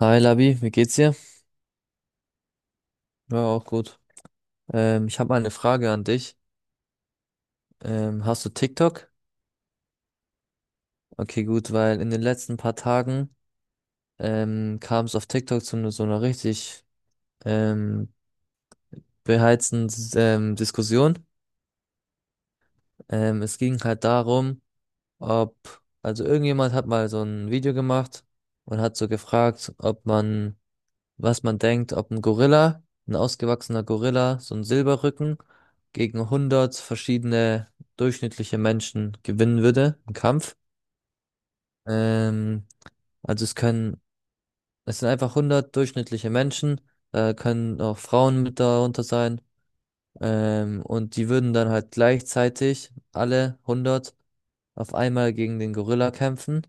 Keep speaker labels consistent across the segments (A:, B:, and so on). A: Hi Labi, wie geht's dir? Ja, auch gut. Ich habe mal eine Frage an dich. Hast du TikTok? Okay, gut, weil in den letzten paar Tagen kam es auf TikTok zu so einer richtig ähm, beheizten Diskussion. Es ging halt darum, ob, also irgendjemand hat mal so ein Video gemacht und hat so gefragt, ob man was man denkt, ob ein Gorilla, ein ausgewachsener Gorilla, so ein Silberrücken gegen 100 verschiedene durchschnittliche Menschen gewinnen würde im Kampf. Ähm, also es können, Es sind einfach 100 durchschnittliche Menschen, da können auch Frauen mit darunter sein. Und die würden dann halt gleichzeitig alle 100 auf einmal gegen den Gorilla kämpfen.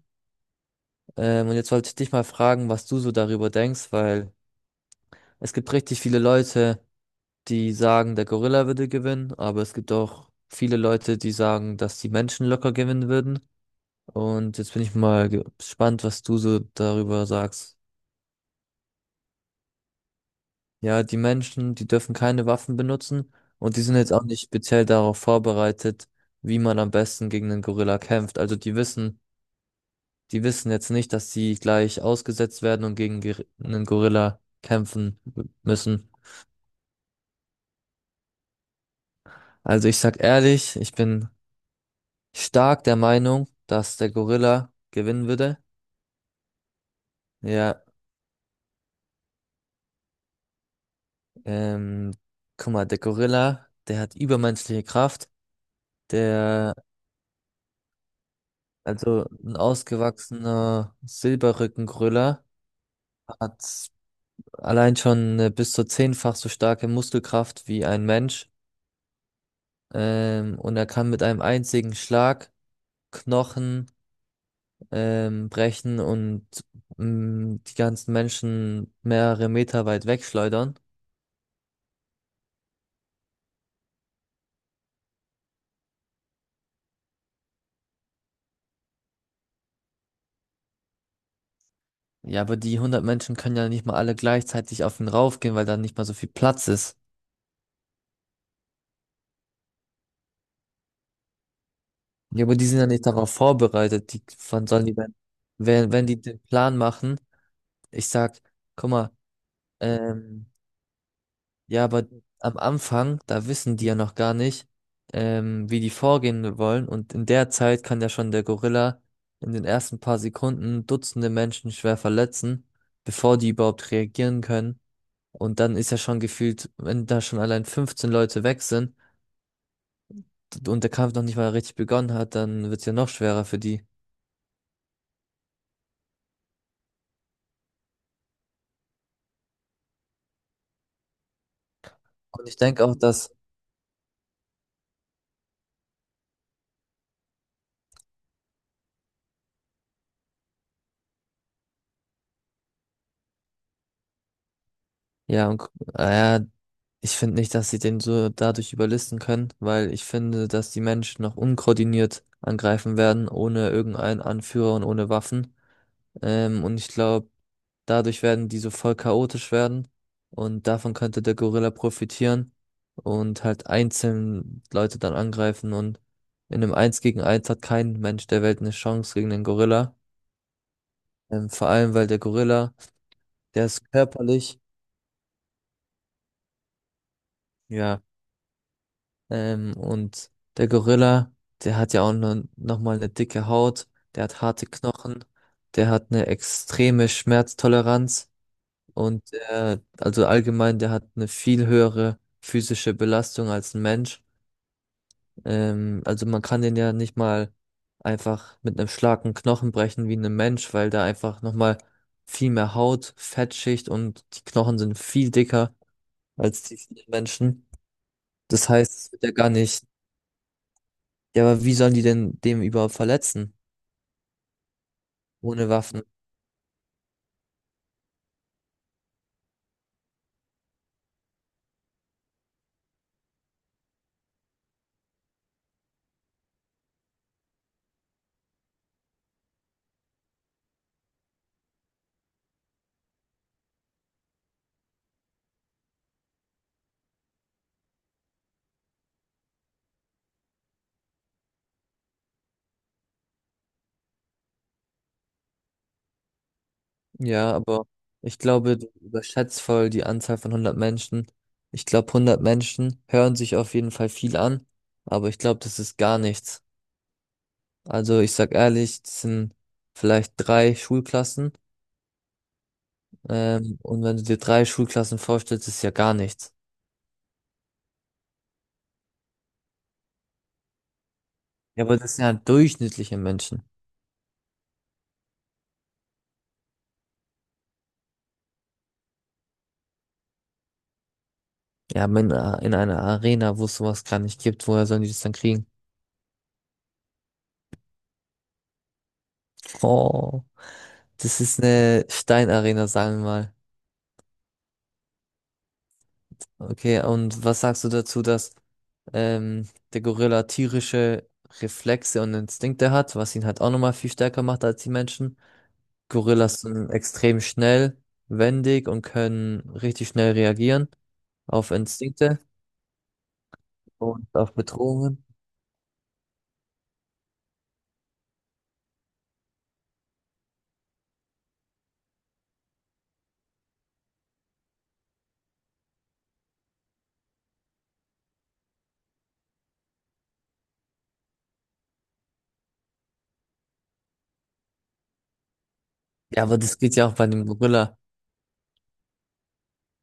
A: Und jetzt wollte ich dich mal fragen, was du so darüber denkst, weil es gibt richtig viele Leute, die sagen, der Gorilla würde gewinnen, aber es gibt auch viele Leute, die sagen, dass die Menschen locker gewinnen würden. Und jetzt bin ich mal gespannt, was du so darüber sagst. Ja, die Menschen, die dürfen keine Waffen benutzen und die sind jetzt auch nicht speziell darauf vorbereitet, wie man am besten gegen einen Gorilla kämpft. Also die wissen jetzt nicht, dass sie gleich ausgesetzt werden und gegen einen Gorilla kämpfen müssen. Also ich sag ehrlich, ich bin stark der Meinung, dass der Gorilla gewinnen würde. Ja, ähm, guck mal, der Gorilla, der hat übermenschliche Kraft. Der, also ein ausgewachsener Silberrückengorilla hat allein schon eine bis zu zehnfach so starke Muskelkraft wie ein Mensch. Und er kann mit einem einzigen Schlag Knochen brechen und die ganzen Menschen mehrere Meter weit wegschleudern. Ja, aber die 100 Menschen können ja nicht mal alle gleichzeitig auf ihn raufgehen, weil da nicht mal so viel Platz ist. Ja, aber die sind ja nicht darauf vorbereitet. Wann sollen die denn, wenn die den Plan machen, ich sag, guck mal, ähm, ja, aber am Anfang, da wissen die ja noch gar nicht, wie die vorgehen wollen. Und in der Zeit kann ja schon der Gorilla in den ersten paar Sekunden Dutzende Menschen schwer verletzen, bevor die überhaupt reagieren können. Und dann ist ja schon gefühlt, wenn da schon allein 15 Leute weg sind, und der Kampf noch nicht mal richtig begonnen hat, dann wird es ja noch schwerer für die. Und ich denke auch, ja, und, äh, ich finde nicht, dass sie den so dadurch überlisten können, weil ich finde, dass die Menschen noch unkoordiniert angreifen werden, ohne irgendeinen Anführer und ohne Waffen. Und ich glaube, dadurch werden die so voll chaotisch werden und davon könnte der Gorilla profitieren und halt einzeln Leute dann angreifen und in einem Eins gegen Eins hat kein Mensch der Welt eine Chance gegen den Gorilla. Vor allem, weil der Gorilla, der ist körperlich, ja, und der Gorilla, der hat ja auch noch mal eine dicke Haut, der hat harte Knochen, der hat eine extreme Schmerztoleranz und also allgemein, der hat eine viel höhere physische Belastung als ein Mensch. Also man kann den ja nicht mal einfach mit einem Schlag einen Knochen brechen wie ein Mensch, weil da einfach noch mal viel mehr Haut, Fettschicht und die Knochen sind viel dicker als die vielen Menschen. Das heißt, es wird ja gar nicht. Ja, aber wie sollen die denn dem überhaupt verletzen? Ohne Waffen. Ja, aber ich glaube, du überschätzt voll die Anzahl von 100 Menschen. Ich glaube, 100 Menschen hören sich auf jeden Fall viel an, aber ich glaube, das ist gar nichts. Also ich sag ehrlich, das sind vielleicht drei Schulklassen. Und wenn du dir drei Schulklassen vorstellst, ist ja gar nichts. Ja, aber das sind ja durchschnittliche Menschen. Ja, aber in einer Arena, wo es sowas gar nicht gibt, woher sollen die das dann kriegen? Oh, das ist eine Steinarena, sagen wir mal. Okay, und was sagst du dazu, dass ähm, der Gorilla tierische Reflexe und Instinkte hat, was ihn halt auch nochmal viel stärker macht als die Menschen? Gorillas sind extrem schnell, wendig und können richtig schnell reagieren auf Instinkte und auf Bedrohungen. Ja, aber das geht ja auch bei dem Gorilla.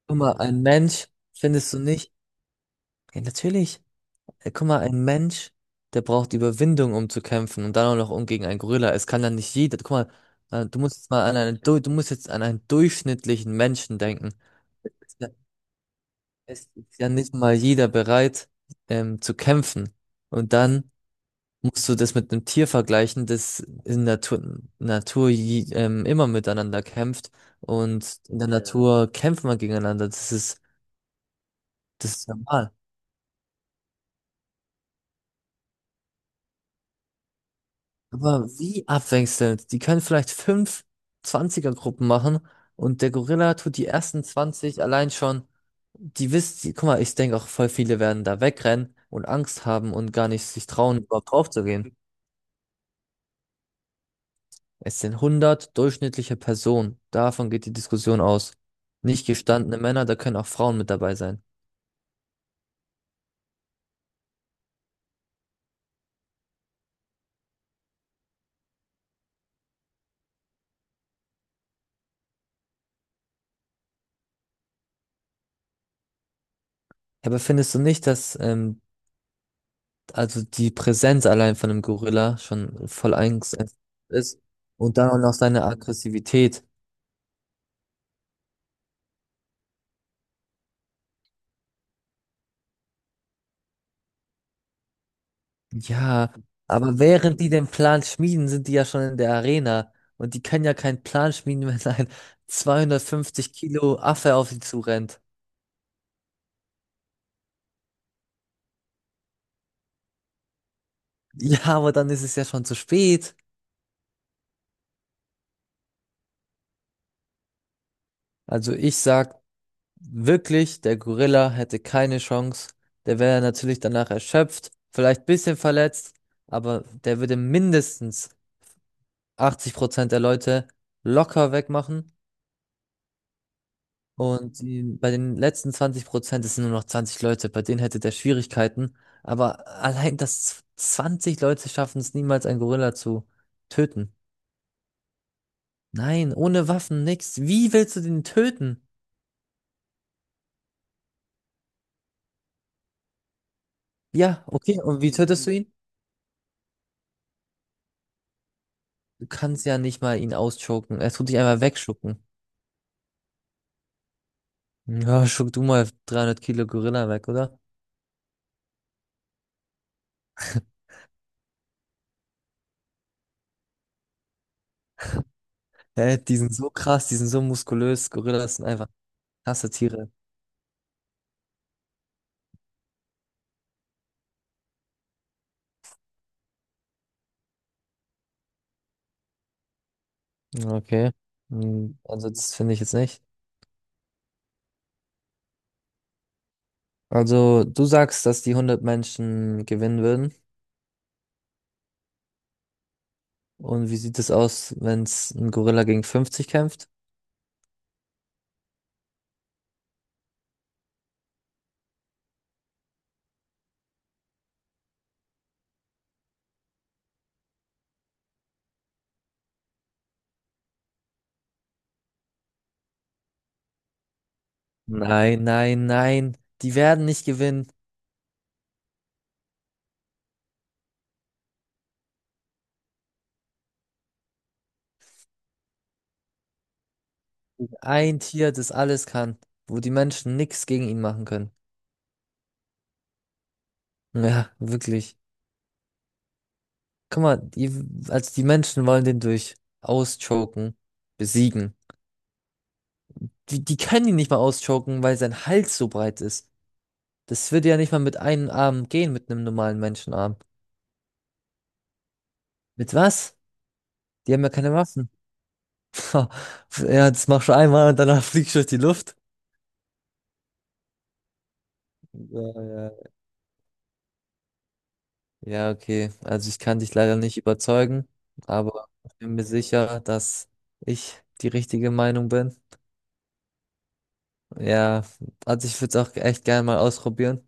A: Guck mal, ein Mensch, findest du nicht? Ja, natürlich. Ey, guck mal, ein Mensch, der braucht Überwindung, um zu kämpfen und dann auch noch um gegen einen Gorilla. Es kann dann nicht jeder. Guck mal, du musst jetzt an einen durchschnittlichen Menschen denken. Ist ja- Es ist ja nicht mal jeder bereit, zu kämpfen. Und dann musst du das mit einem Tier vergleichen, das in Natur, Natur je, immer miteinander kämpft. Und in der Ja. Natur kämpft man gegeneinander. Das ist normal. Aber wie abwechselnd? Die können vielleicht fünf 20 gruppen machen und der Gorilla tut die ersten 20 allein schon. Guck mal, ich denke auch voll viele werden da wegrennen und Angst haben und gar nicht sich trauen, überhaupt draufzugehen. Es sind 100 durchschnittliche Personen. Davon geht die Diskussion aus. Nicht gestandene Männer, da können auch Frauen mit dabei sein. Ja, aber findest du nicht, dass also die Präsenz allein von einem Gorilla schon voll eingesetzt ist und dann auch noch seine Aggressivität? Ja, aber während die den Plan schmieden, sind die ja schon in der Arena. Und die können ja keinen Plan schmieden, wenn ein 250 Kilo Affe auf sie zurennt. Ja, aber dann ist es ja schon zu spät. Also ich sag wirklich, der Gorilla hätte keine Chance. Der wäre natürlich danach erschöpft, vielleicht ein bisschen verletzt, aber der würde mindestens 80% der Leute locker wegmachen. Und die, bei den letzten 20%, es sind nur noch 20 Leute, bei denen hätte der Schwierigkeiten. Aber allein, dass 20 Leute schaffen es niemals, einen Gorilla zu töten. Nein, ohne Waffen, nix. Wie willst du den töten? Ja, okay. Und wie tötest du ihn? Du kannst ja nicht mal ihn ausschocken. Er tut dich einmal wegschucken. Ja, schuck du mal 300 Kilo Gorilla weg, oder? Hä, die sind so krass, die sind so muskulös. Gorillas sind einfach krasse Tiere. Okay. Also, das finde ich jetzt nicht. Also, du sagst, dass die 100 Menschen gewinnen würden. Und wie sieht es aus, wenn es ein Gorilla gegen 50 kämpft? Nein, nein, nein. Die werden nicht gewinnen. Ein Tier, das alles kann, wo die Menschen nichts gegen ihn machen können. Ja, wirklich. Guck mal, also die Menschen wollen den durch auschoken, besiegen. Die können ihn nicht mal auschoken, weil sein Hals so breit ist. Das würde ja nicht mal mit einem Arm gehen, mit einem normalen Menschenarm. Mit was? Die haben ja keine Waffen. Ha, ja, das machst du einmal und danach fliegst du durch die Luft. Ja, ja. Ja, okay. Also ich kann dich leider nicht überzeugen, aber ich bin mir sicher, dass ich die richtige Meinung bin. Ja, also ich würde es auch echt gerne mal ausprobieren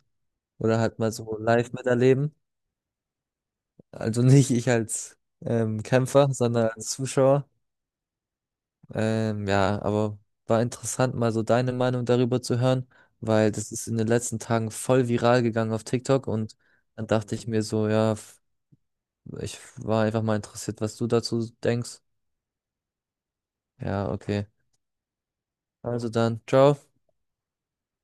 A: oder halt mal so live miterleben. Also nicht ich als Kämpfer, sondern als Zuschauer. Ja, aber war interessant, mal so deine Meinung darüber zu hören, weil das ist in den letzten Tagen voll viral gegangen auf TikTok und dann dachte ich mir so, ja, ich war einfach mal interessiert, was du dazu denkst. Ja, okay. Also dann, ciao.